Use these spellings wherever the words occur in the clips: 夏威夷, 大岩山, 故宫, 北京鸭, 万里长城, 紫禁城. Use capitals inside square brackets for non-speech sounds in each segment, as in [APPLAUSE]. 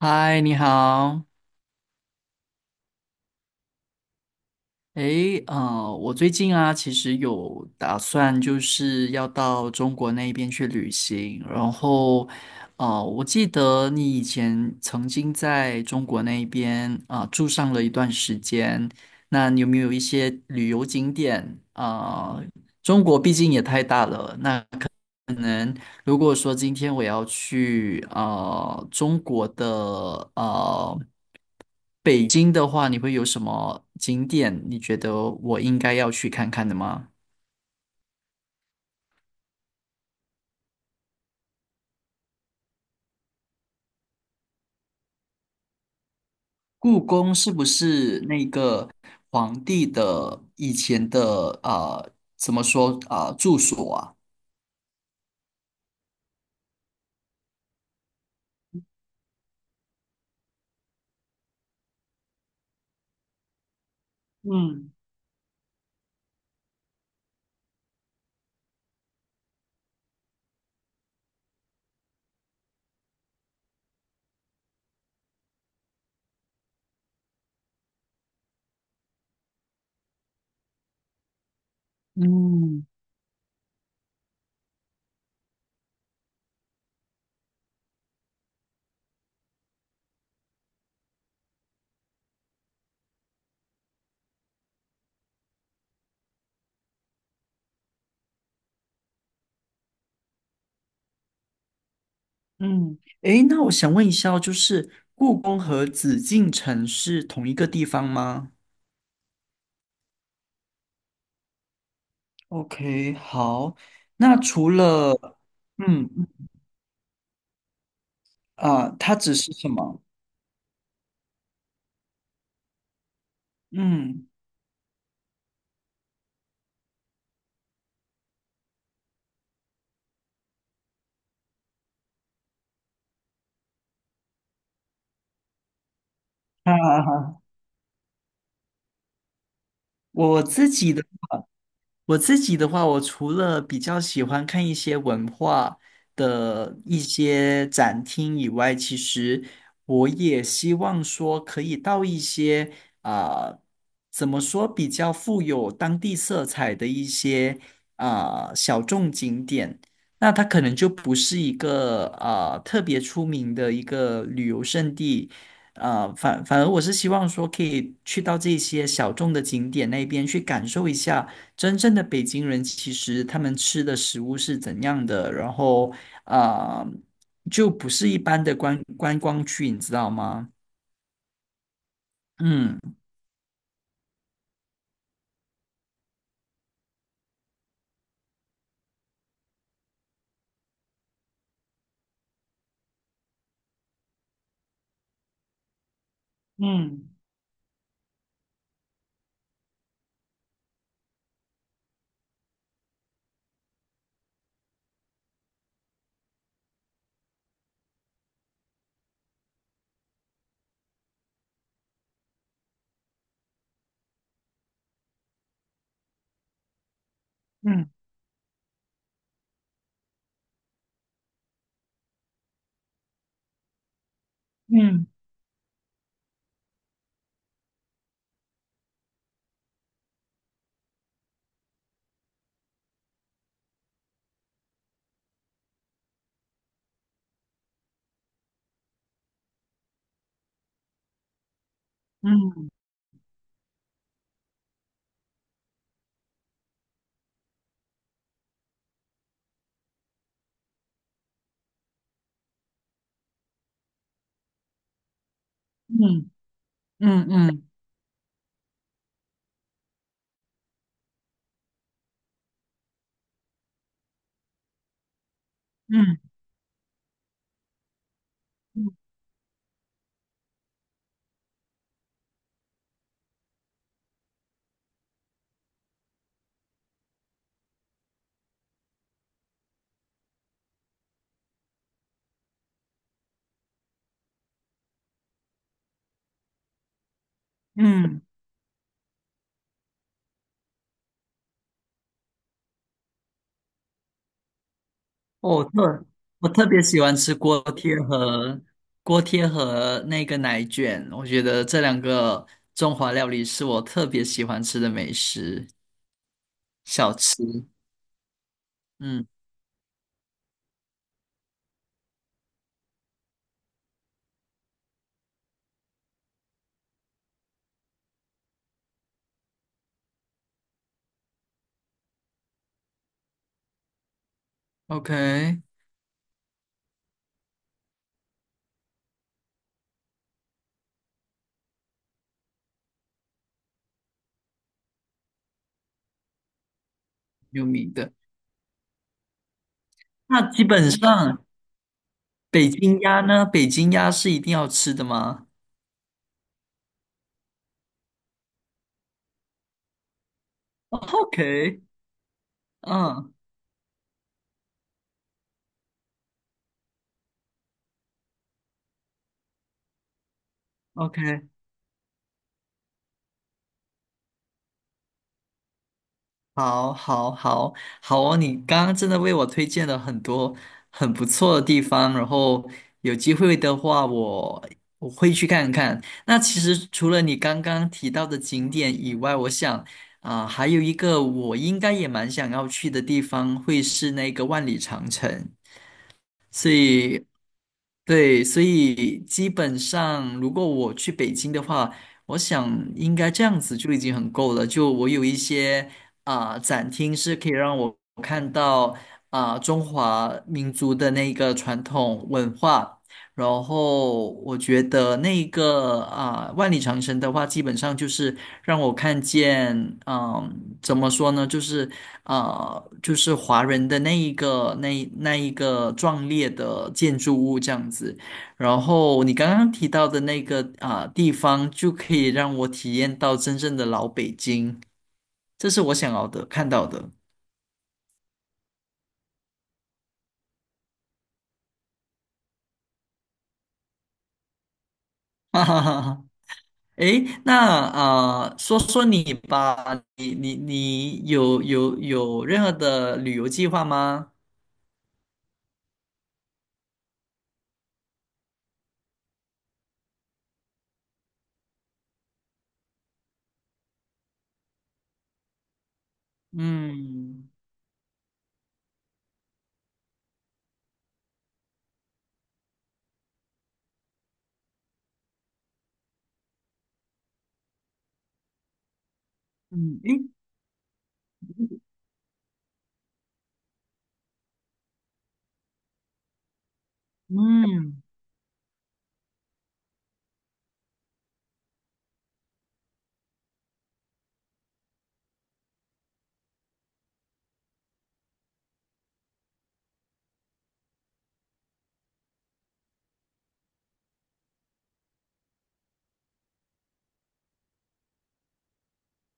嗨，你好。诶，我最近啊，其实有打算就是要到中国那边去旅行，然后，我记得你以前曾经在中国那边啊，住上了一段时间，那你有没有一些旅游景点啊？中国毕竟也太大了，那可能如果说今天我要去中国的北京的话，你会有什么景点？你觉得我应该要去看看的吗？故宫是不是那个皇帝的以前的怎么说啊、住所啊？嗯嗯嗯，诶，那我想问一下哦就是故宫和紫禁城是同一个地方吗？OK，好。那除了嗯啊、它只是什么？嗯啊，[LAUGHS] 我自己的。我自己的话，我除了比较喜欢看一些文化的一些展厅以外，其实我也希望说可以到一些啊、怎么说比较富有当地色彩的一些小众景点。那它可能就不是一个特别出名的一个旅游胜地。啊，反而我是希望说可以去到这些小众的景点那边去感受一下。真正的北京人其实他们吃的食物是怎样的，然后啊、呃就不是一般的观光区，你知道吗？嗯，嗯嗯嗯嗯嗯嗯嗯嗯嗯，哦，我特别喜欢吃锅贴和锅贴和那个奶卷，我觉得这两个中华料理是我特别喜欢吃的美食小吃。嗯，OK，有名的。那基本上北京鸭呢？北京鸭是一定要吃的吗？ o k [LAUGHS] 嗯，OK，好，好，好，好哦！你刚刚真的为我推荐了很多很不错的地方，然后有机会的话我会去看看。那其实除了你刚刚提到的景点以外，我想还有一个我应该也蛮想要去的地方，会是那个万里长城。所以对，所以基本上，如果我去北京的话，我想应该这样子就已经很够了。就我有一些展厅是可以让我看到中华民族的那个传统文化，然后我觉得那个万里长城的话，基本上就是让我看见，怎么说呢，啊，就是华人的那一个那一个壮烈的建筑物这样子。然后你刚刚提到的那个地方，就可以让我体验到真正的老北京，这是我想要的看到的。[LAUGHS] 哈哈哈哈。诶，那说说你吧，你有任何的旅游计划吗？嗯嗯诶嗯。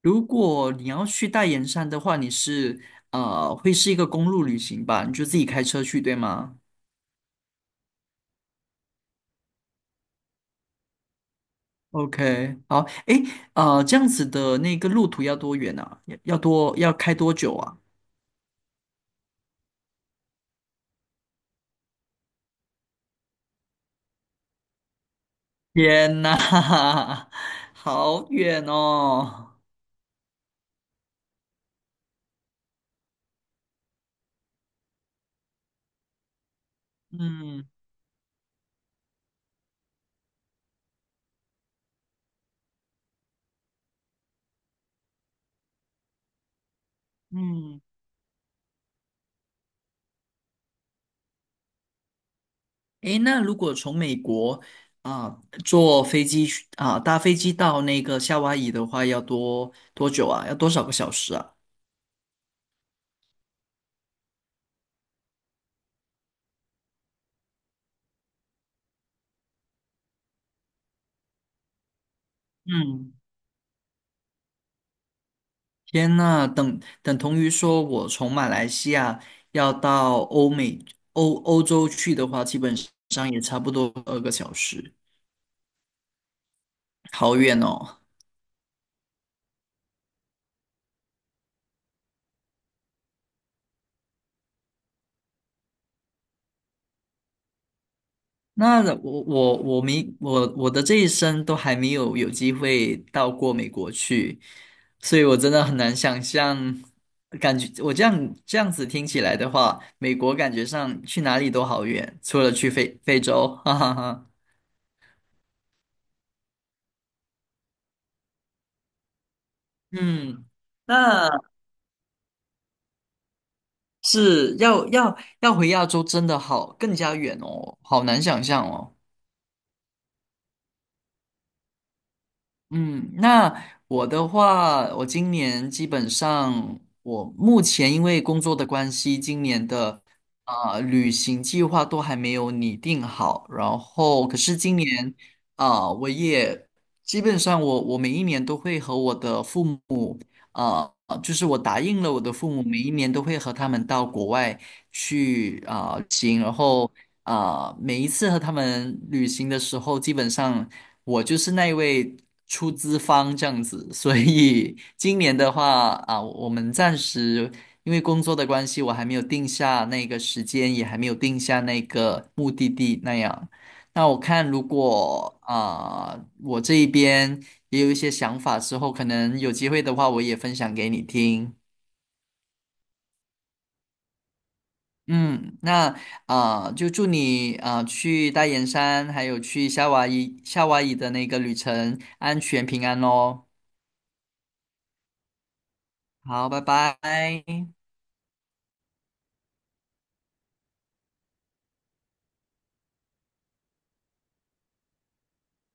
如果你要去大岩山的话，会是一个公路旅行吧？你就自己开车去，对吗？OK，好，诶，这样子的那个路途要多远啊？要开多久啊？天呐，[LAUGHS] 好远哦！嗯嗯，诶，那如果从美国坐飞机去搭飞机到那个夏威夷的话，要多久啊？要多少个小时啊？嗯。天呐，等同于说，我从马来西亚要到欧美欧欧洲去的话，基本上也差不多2个小时，好远哦。那我我我没我我的这一生都还没有机会到过美国去，所以我真的很难想象，感觉我这样子听起来的话，美国感觉上去哪里都好远，除了去非洲，[LAUGHS] 哈哈哈。嗯。那是要回亚洲真的好更加远哦，好难想象哦。嗯，那我的话，我今年基本上，我目前因为工作的关系，今年的旅行计划都还没有拟定好。然后，可是今年我也基本上我每一年都会和我的父母就是我答应了我的父母，每一年都会和他们到国外去旅行，然后。每一次和他们旅行的时候，基本上我就是那一位出资方这样子，[LAUGHS] 所以今年的话啊，我们暂时因为工作的关系，我还没有定下那个时间，也还没有定下那个目的地那样。那我看如果啊，我这一边也有一些想法之后，可能有机会的话，我也分享给你听。嗯，那就祝你去大岩山，还有去夏威夷的那个旅程安全平安哦。好，拜拜。